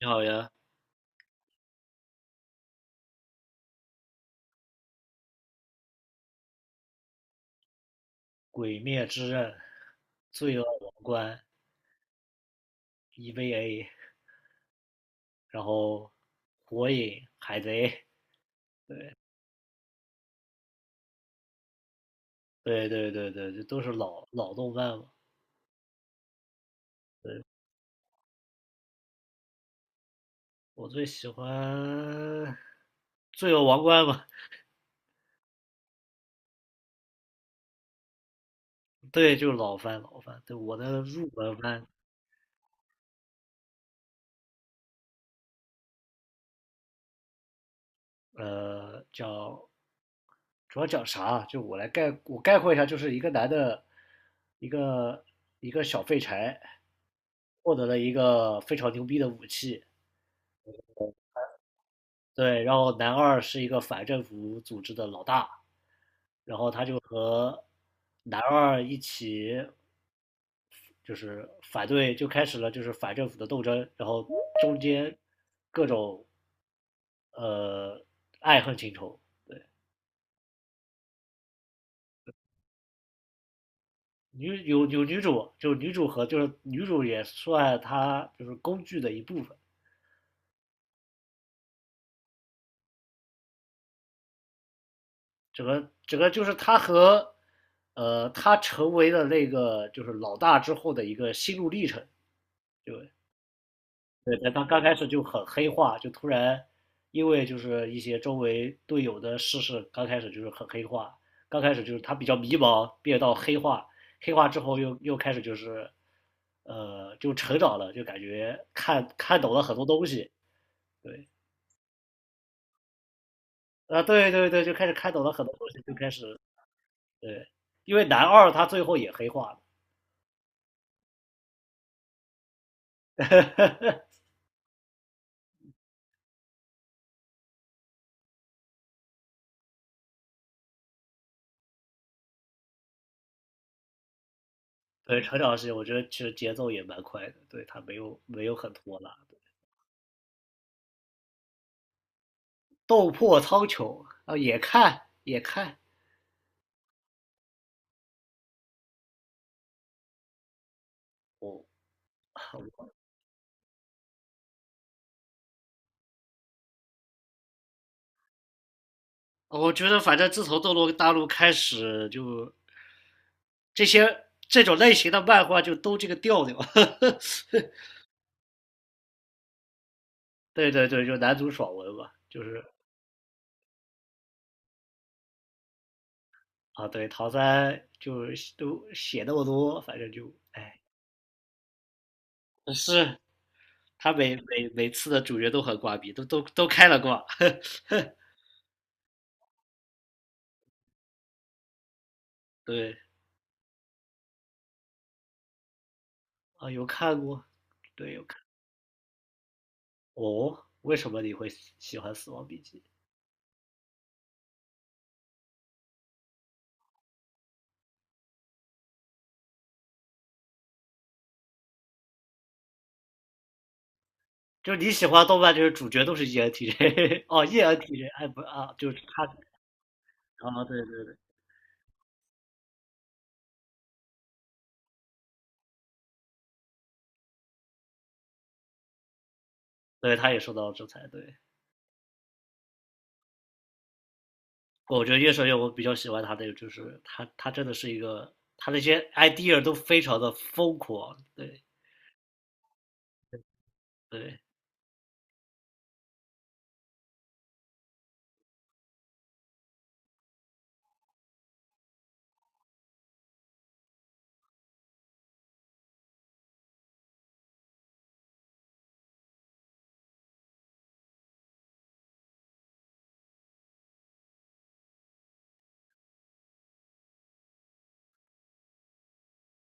你好呀，《鬼灭之刃》、《罪恶王冠》、EVA，然后《火影》、《海贼》，对对对对，这都是老动漫嘛。对，我最喜欢《罪恶王冠》嘛。对，就是老番老番。对，我的入门番。叫主要讲啥啊？就我来概括一下，就是一个男的，一个一个小废柴，获得了一个非常牛逼的武器。对，然后男二是一个反政府组织的老大，然后他就和男二一起就是反对，就开始了就是反政府的斗争，然后中间各种呃爱恨情仇。对，女有女主，就是女主和就是女主也算她就是工具的一部分。整个就是她和她成为了那个就是老大之后的一个心路历程。就对，在刚刚开始就很黑化，就突然因为就是一些周围队友的逝事，刚开始就是很黑化，刚开始就是他比较迷茫，变到黑化，黑化之后又开始就是，就成长了，就感觉看懂了很多东西。对。啊，对对对，就开始看懂了很多东西，就开始对，因为男二他最后也黑化了。对，成长是我觉得其实节奏也蛮快的，对他没有很拖拉。斗破苍穹啊，也看也看。哦，我觉得反正自从《斗罗大陆》开始就这些这种类型的漫画就都这个调调。对对对，就男主爽文嘛，就是啊，对唐三就是都写那么多，反正就哎，是他每次的主角都很挂逼，都开了挂。对啊，有看过，对有看。哦，为什么你会喜欢《死亡笔记》？就是你喜欢动漫，就是主角都是 ENTJ。 哦，ENTJ 哎不啊，就是他啊，对对对，对他也受到了制裁。对，我觉得夜神月我比较喜欢他的，就是他真的是一个，他那些 idea 都非常的疯狂。对对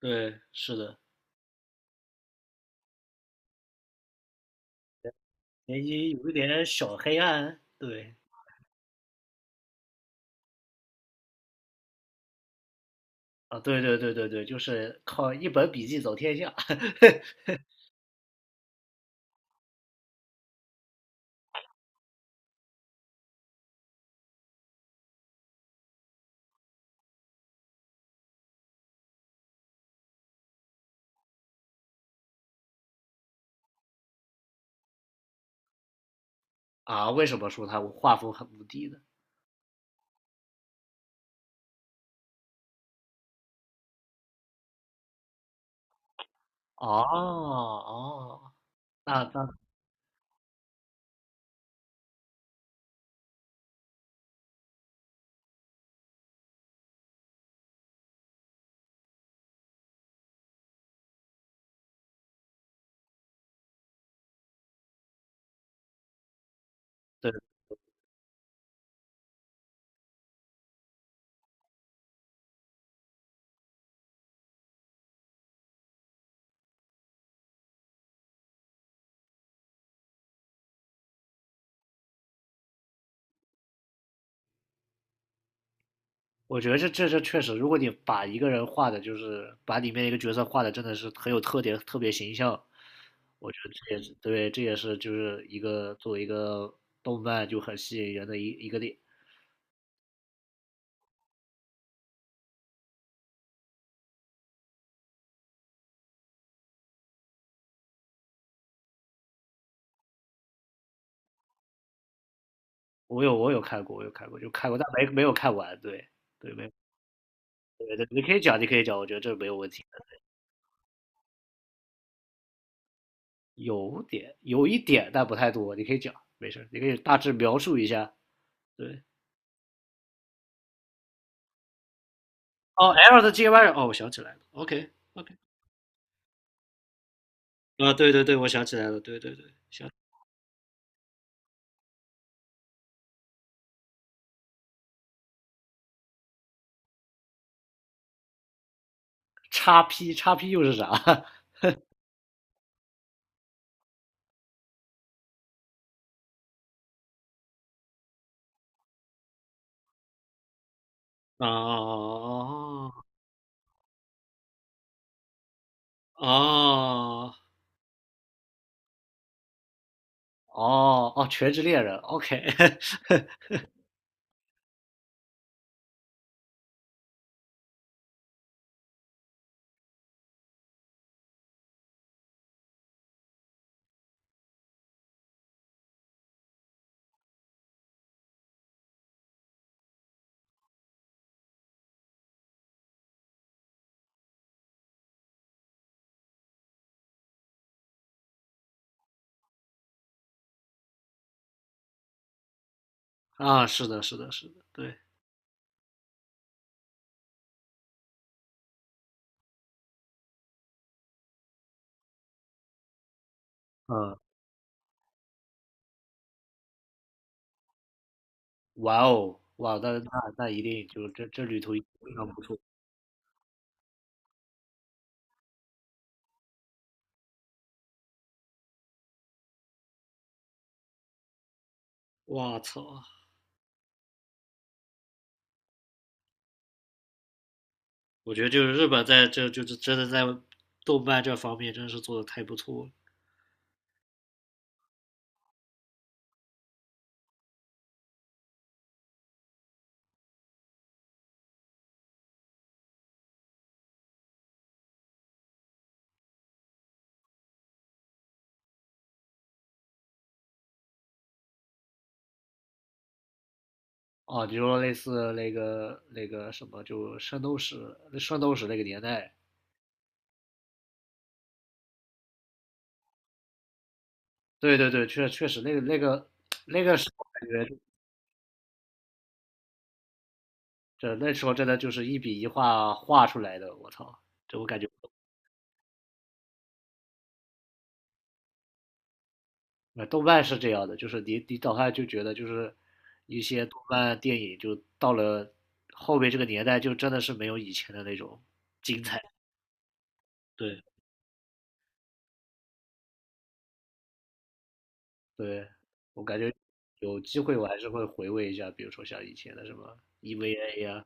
对，是的，也谊有一点小黑暗。对啊，对对对对对，就是靠一本笔记走天下。 啊。为什么说他画风很无敌呢？哦哦，那对我觉得这确实，如果你把一个人画的，就是把里面一个角色画的，真的是很有特点，特别形象，我觉得这也是对，这也是就是一个作为一个动漫就很吸引人的一个点。我有看过，我有看过，就看过，但没有看完。对对，没有对对，你可以讲，你可以讲，我觉得这没有问题的有一点，但不太多，你可以讲，没事儿，你可以大致描述一下。对，哦，L 的 G Y,哦，我想起来了，OK OK,啊，对对对，我想起来了，对对对，想。叉 P 叉 P 又是啥？哦哦哦哦，哦！全职猎人，OK。啊，是的，是的，是的，对。嗯，哇哦，哇，那那那一定就这这旅途一定非常不错，哇操！我觉得就是日本在这就是真的在动漫这方面真是做的太不错了。哦，你说类似那个那个什么，就圣斗士，圣斗士那个年代，对对对，确实那个那个那个时候感觉这那时候真的就是一笔一画画出来的，我操！这我感觉，动漫是这样的，就是你早上就觉得就是一些动漫电影，就到了后面这个年代，就真的是没有以前的那种精彩。 对，对，我感觉有机会我还是会回味一下，比如说像以前的什么 EVA 呀、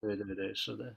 对对对，是的。